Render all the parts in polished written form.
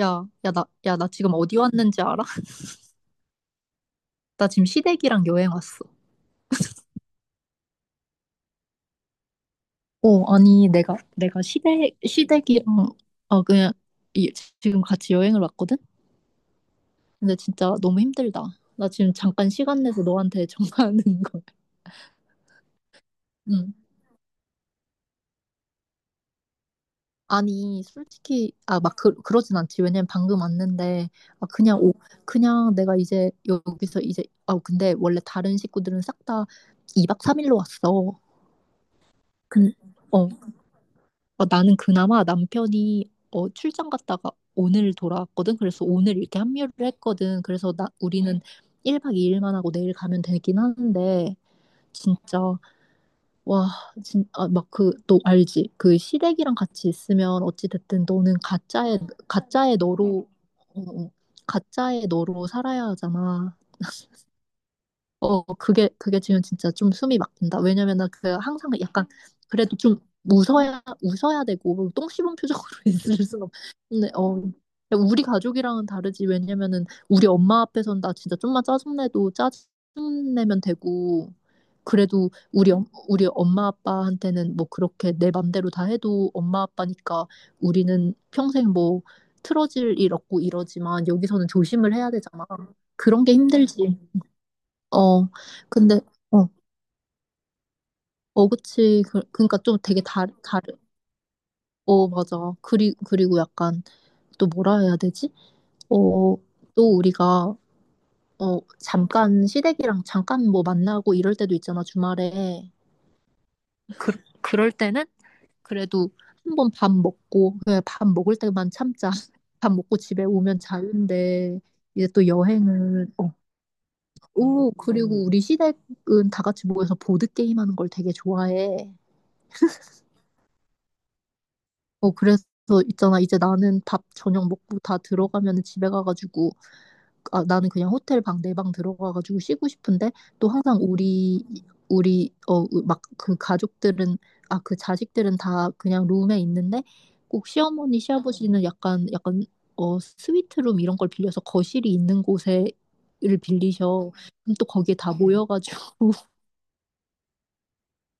야, 야, 나 지금 어디 왔는지 알아? 나 지금 시댁이랑 여행 왔어. 아니, 내가 시댁이랑, 그냥, 이, 지금 같이 여행을 왔거든? 근데 진짜 너무 힘들다. 나 지금 잠깐 시간 내서 너한테 전화하는 거야. 응. 아니, 솔직히, 막, 그러진 않지. 왜냐면 방금 왔는데, 그냥, 그냥 내가 이제 여기서 이제, 근데 원래 다른 식구들은 싹 다 2박 3일로 왔어. 근, 어, 나는 그나마 남편이 출장 갔다가 오늘 돌아왔거든. 그래서 오늘 이렇게 합류를 했거든. 그래서 우리는 1박 2일만 하고 내일 가면 되긴 하는데, 진짜, 와, 막 그, 너 알지? 그 시댁이랑 같이 있으면 어찌됐든 너는 가짜의 너로, 어, 어, 가짜의 너로 살아야 하잖아. 그게 지금 진짜 좀 숨이 막힌다. 왜냐면은 그 항상 약간 그래도 좀 웃어야 되고 똥 씹은 표정으로 있을 수는 없는데, 우리 가족이랑은 다르지. 왜냐면은 우리 엄마 앞에선 나 진짜 좀만 짜증내도 짜증내면 되고, 그래도 우리 엄마 아빠한테는 뭐 그렇게 내 맘대로 다 해도 엄마 아빠니까 우리는 평생 뭐 틀어질 일 없고 이러지만 여기서는 조심을 해야 되잖아. 그런 게 힘들지. 어, 근데, 어, 그치. 그니까 좀 되게 맞아. 그리고 약간 또 뭐라 해야 되지? 어, 또 우리가, 잠깐 시댁이랑 잠깐 뭐 만나고 이럴 때도 있잖아, 주말에. 그, 그럴 때는 그래도 한 번 밥 먹고, 그냥 밥 먹을 때만 참자. 밥 먹고 집에 오면 자는데, 이제 또 여행을, 그리고 우리 시댁은 다 같이 모여서 보드게임 하는 걸 되게 좋아해. 그래서 있잖아. 이제 나는 밥 저녁 먹고 다 들어가면 집에 가가지고, 나는 그냥 호텔 방, 내 방 들어가가지고 쉬고 싶은데, 또 항상 우리, 막 그 가족들은, 그 자식들은 다 그냥 룸에 있는데, 꼭 시어머니, 시아버지는 약간, 스위트룸 이런 걸 빌려서 거실이 있는 곳에, 를 빌리셔. 그럼 또 거기에 다 모여가지고,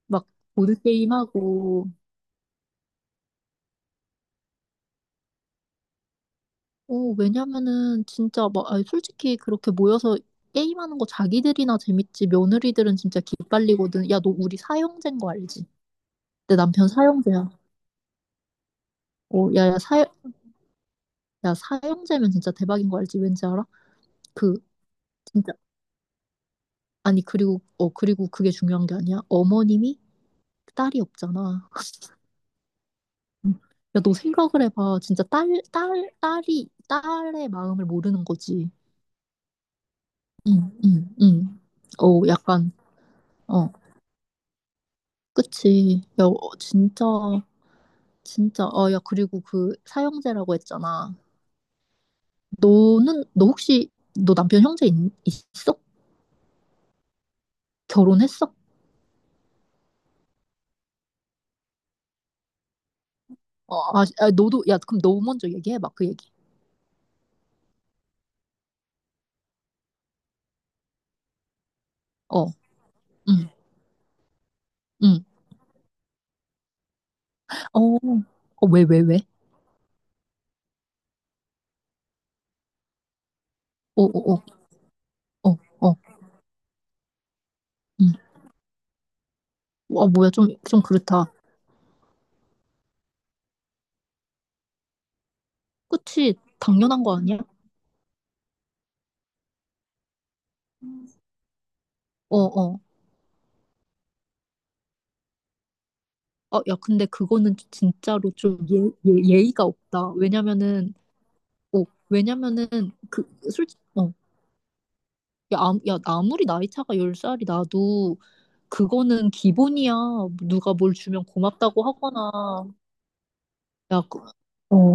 막, 보드게임하고, 왜냐면은 진짜 막 아니, 솔직히 그렇게 모여서 게임하는 거 자기들이나 재밌지 며느리들은 진짜 기빨리거든. 야, 너 우리 사형제인 거 알지? 내 남편 사형제야. 어, 야, 야, 사, 야, 사형제면 진짜 대박인 거 알지? 왠지 알아? 그 진짜, 아니, 그리고 그게 중요한 게 아니야. 어머님이 딸이 없잖아. 야, 너 생각을 해봐. 진짜 딸이 딸의 마음을 모르는 거지. 응, 응, 응. 약간. 어, 그치. 야, 진짜, 진짜. 야, 그리고 그 사형제라고 했잖아. 너는, 너 혹시, 너 남편 형제 있어? 결혼했어? 너도, 야, 그럼 너 먼저 얘기해봐, 그 얘기. 어, 응, 응. 어, 어, 왜, 왜, 왜? 어, 어, 어, 어, 어, 응. 와, 뭐야, 좀 그렇다. 그치. 당연한 거 아니야? 어, 어. 야, 근데 그거는 진짜로 좀 예, 예의가 없다. 어, 왜냐면은, 그, 솔직히, 야, 야, 아무리 나이 차가 10살이 나도 그거는 기본이야. 누가 뭘 주면 고맙다고 하거나. 야, 어,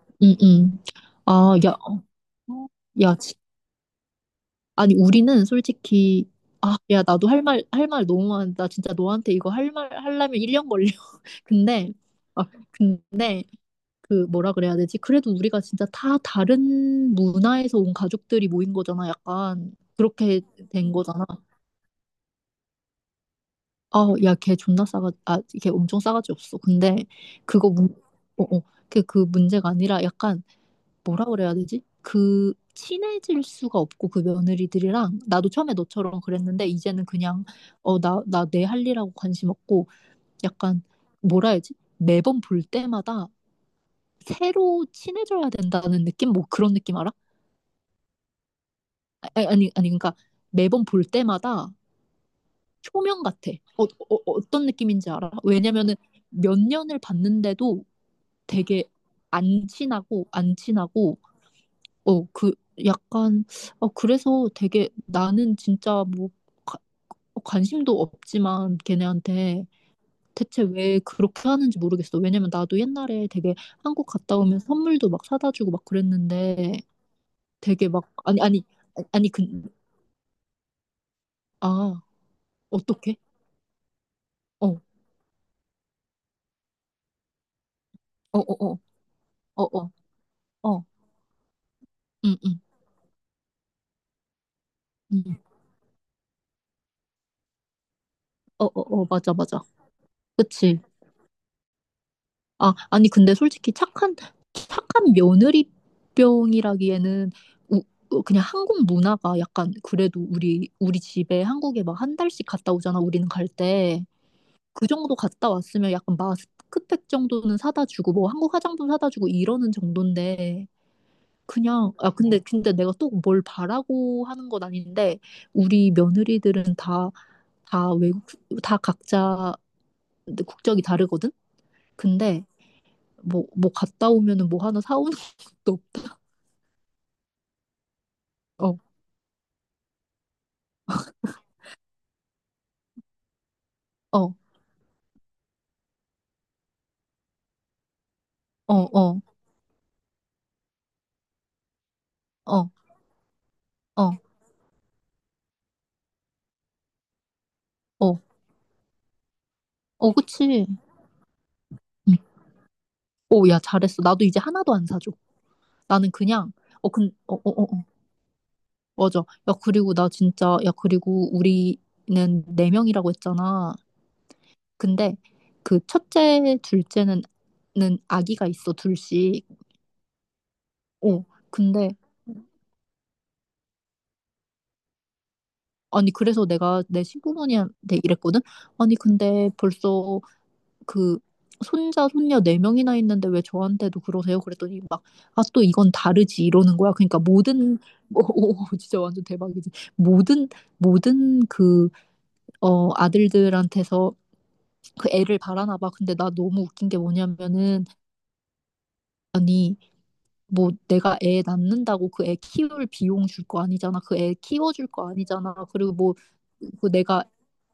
응, 응. 아, 야, 어, 야, 지- 아니, 우리는 솔직히, 야, 나도 할 말 너무 많다. 진짜 너한테 이거 할 말, 하려면 1년 걸려. 근데, 아, 근데, 뭐라 그래야 되지? 그래도 우리가 진짜 다 다른 문화에서 온 가족들이 모인 거잖아. 약간, 그렇게 된 거잖아. 야, 걔 존나 걔 엄청 싸가지 없어. 근데 그거 문, 어, 어, 그, 그 문제가 아니라 약간 뭐라 그래야 되지? 그 친해질 수가 없고 그 며느리들이랑 나도 처음에 너처럼 그랬는데 이제는 그냥 나 내 할 일하고 관심 없고 약간 뭐라 해야지? 매번 볼 때마다 새로 친해져야 된다는 느낌? 뭐 그런 느낌 알아? 아니, 아니, 아니, 그러니까 매번 볼 때마다 초면 같아. 어떤 느낌인지 알아? 왜냐면은 몇 년을 봤는데도 되게 안 친하고 안 친하고 어 그 약간, 그래서 되게 나는 진짜 뭐 가- 관심도 없지만 걔네한테 대체 왜 그렇게 하는지 모르겠어. 왜냐면 나도 옛날에 되게 한국 갔다 오면 선물도 막 사다 주고 막 그랬는데 되게 막 아니, 아니, 아니, 그 아 어떻게? 어, 어, 어, 어, 어, 어, 어, 응, 응, 응, 어, 어, 어, 맞아, 맞아. 그치? 아니, 근데 솔직히 착한 며느리병이라기에는 우- 그냥 한국 문화가 약간 그래도 우리 집에 한국에 막 한 달씩 갔다 오잖아, 우리는 갈 때. 그 정도 갔다 왔으면 약간 마스크팩 정도는 사다 주고, 뭐 한국 화장품 사다 주고 이러는 정도인데. 그냥, 근데 내가 또 뭘 바라고 하는 건 아닌데, 우리 며느리들은 다 외국, 다 각자 국적이 다르거든? 근데 뭐 갔다 오면은 뭐 하나 사오는 것도 없다. 어, 어, 어, 어, 어, 어, 어, 어, 그치. 응. 오, 야, 잘했어. 나도 이제 하나도 안 사줘. 나는 그냥, 어, 근, 어, 어, 어, 어, 맞아. 야, 그리고 나 진짜, 야, 그리고 우리는 네 명이라고 했잖아. 근데 그 첫째, 둘째는, 는 아기가 있어, 둘씩. 어, 근데, 아니, 그래서 내가 내 시부모님한테 이랬거든? 아니, 근데 벌써 그 손자 손녀 네 명이나 있는데 왜 저한테도 그러세요? 그랬더니 막 또 이건 다르지 이러는 거야. 그러니까 모든 오, 진짜 완전 대박이지. 모든 모든 아들들한테서 그 애를 바라나 봐. 근데 나 너무 웃긴 게 뭐냐면은 아니 뭐 내가 애 낳는다고 그 애 키울 비용 줄 거 아니잖아. 그 애 키워줄 거 아니잖아. 그리고 뭐 그 내가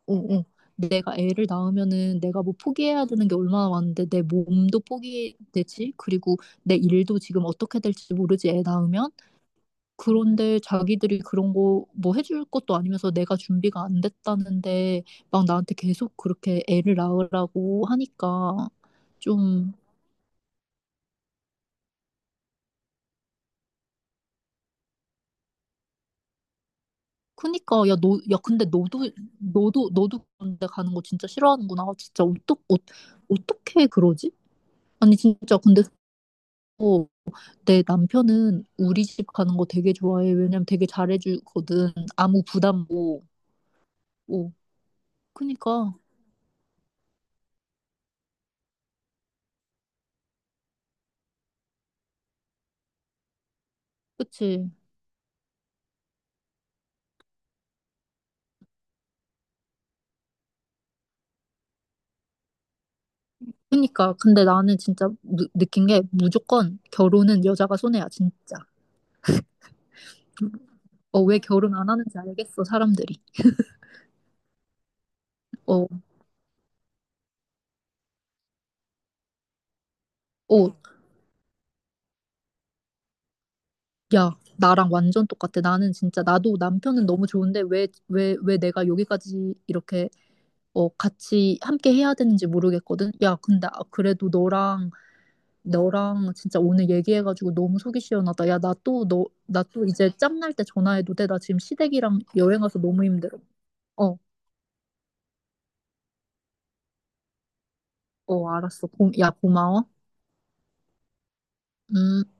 어, 어. 내가 애를 낳으면은 내가 뭐 포기해야 되는 게 얼마나 많은데 내 몸도 포기되지? 그리고 내 일도 지금 어떻게 될지 모르지, 애 낳으면? 그런데 자기들이 그런 거 뭐 해줄 것도 아니면서 내가 준비가 안 됐다는데 막 나한테 계속 그렇게 애를 낳으라고 하니까 좀, 크니까 야, 근데 너도 그런데 가는 거 진짜 싫어하는구나. 진짜 어떻게 그러지? 아니, 진짜 근데 내 남편은 우리 집 가는 거 되게 좋아해. 왜냐면 되게 잘해주거든. 아무 부담 뭐. 오, 그니까. 그치. 그니까. 근데 나는 진짜 느낀 게 무조건 결혼은 여자가 손해야, 진짜. 어, 왜 결혼 안 하는지 알겠어, 사람들이. 어, 어, 야, 나랑 완전 똑같아. 나는 진짜, 나도 남편은 너무 좋은데, 왜, 왜, 왜 내가 여기까지 같이 함께 해야 되는지 모르겠거든. 야, 근데 그래도 너랑 진짜 오늘 얘기해가지고 너무 속이 시원하다. 야, 나 또 이제 짬날 때 전화해도 돼. 나 지금 시댁이랑 여행 가서 너무 힘들어. 어, 어, 알았어. 야, 고마워. 음.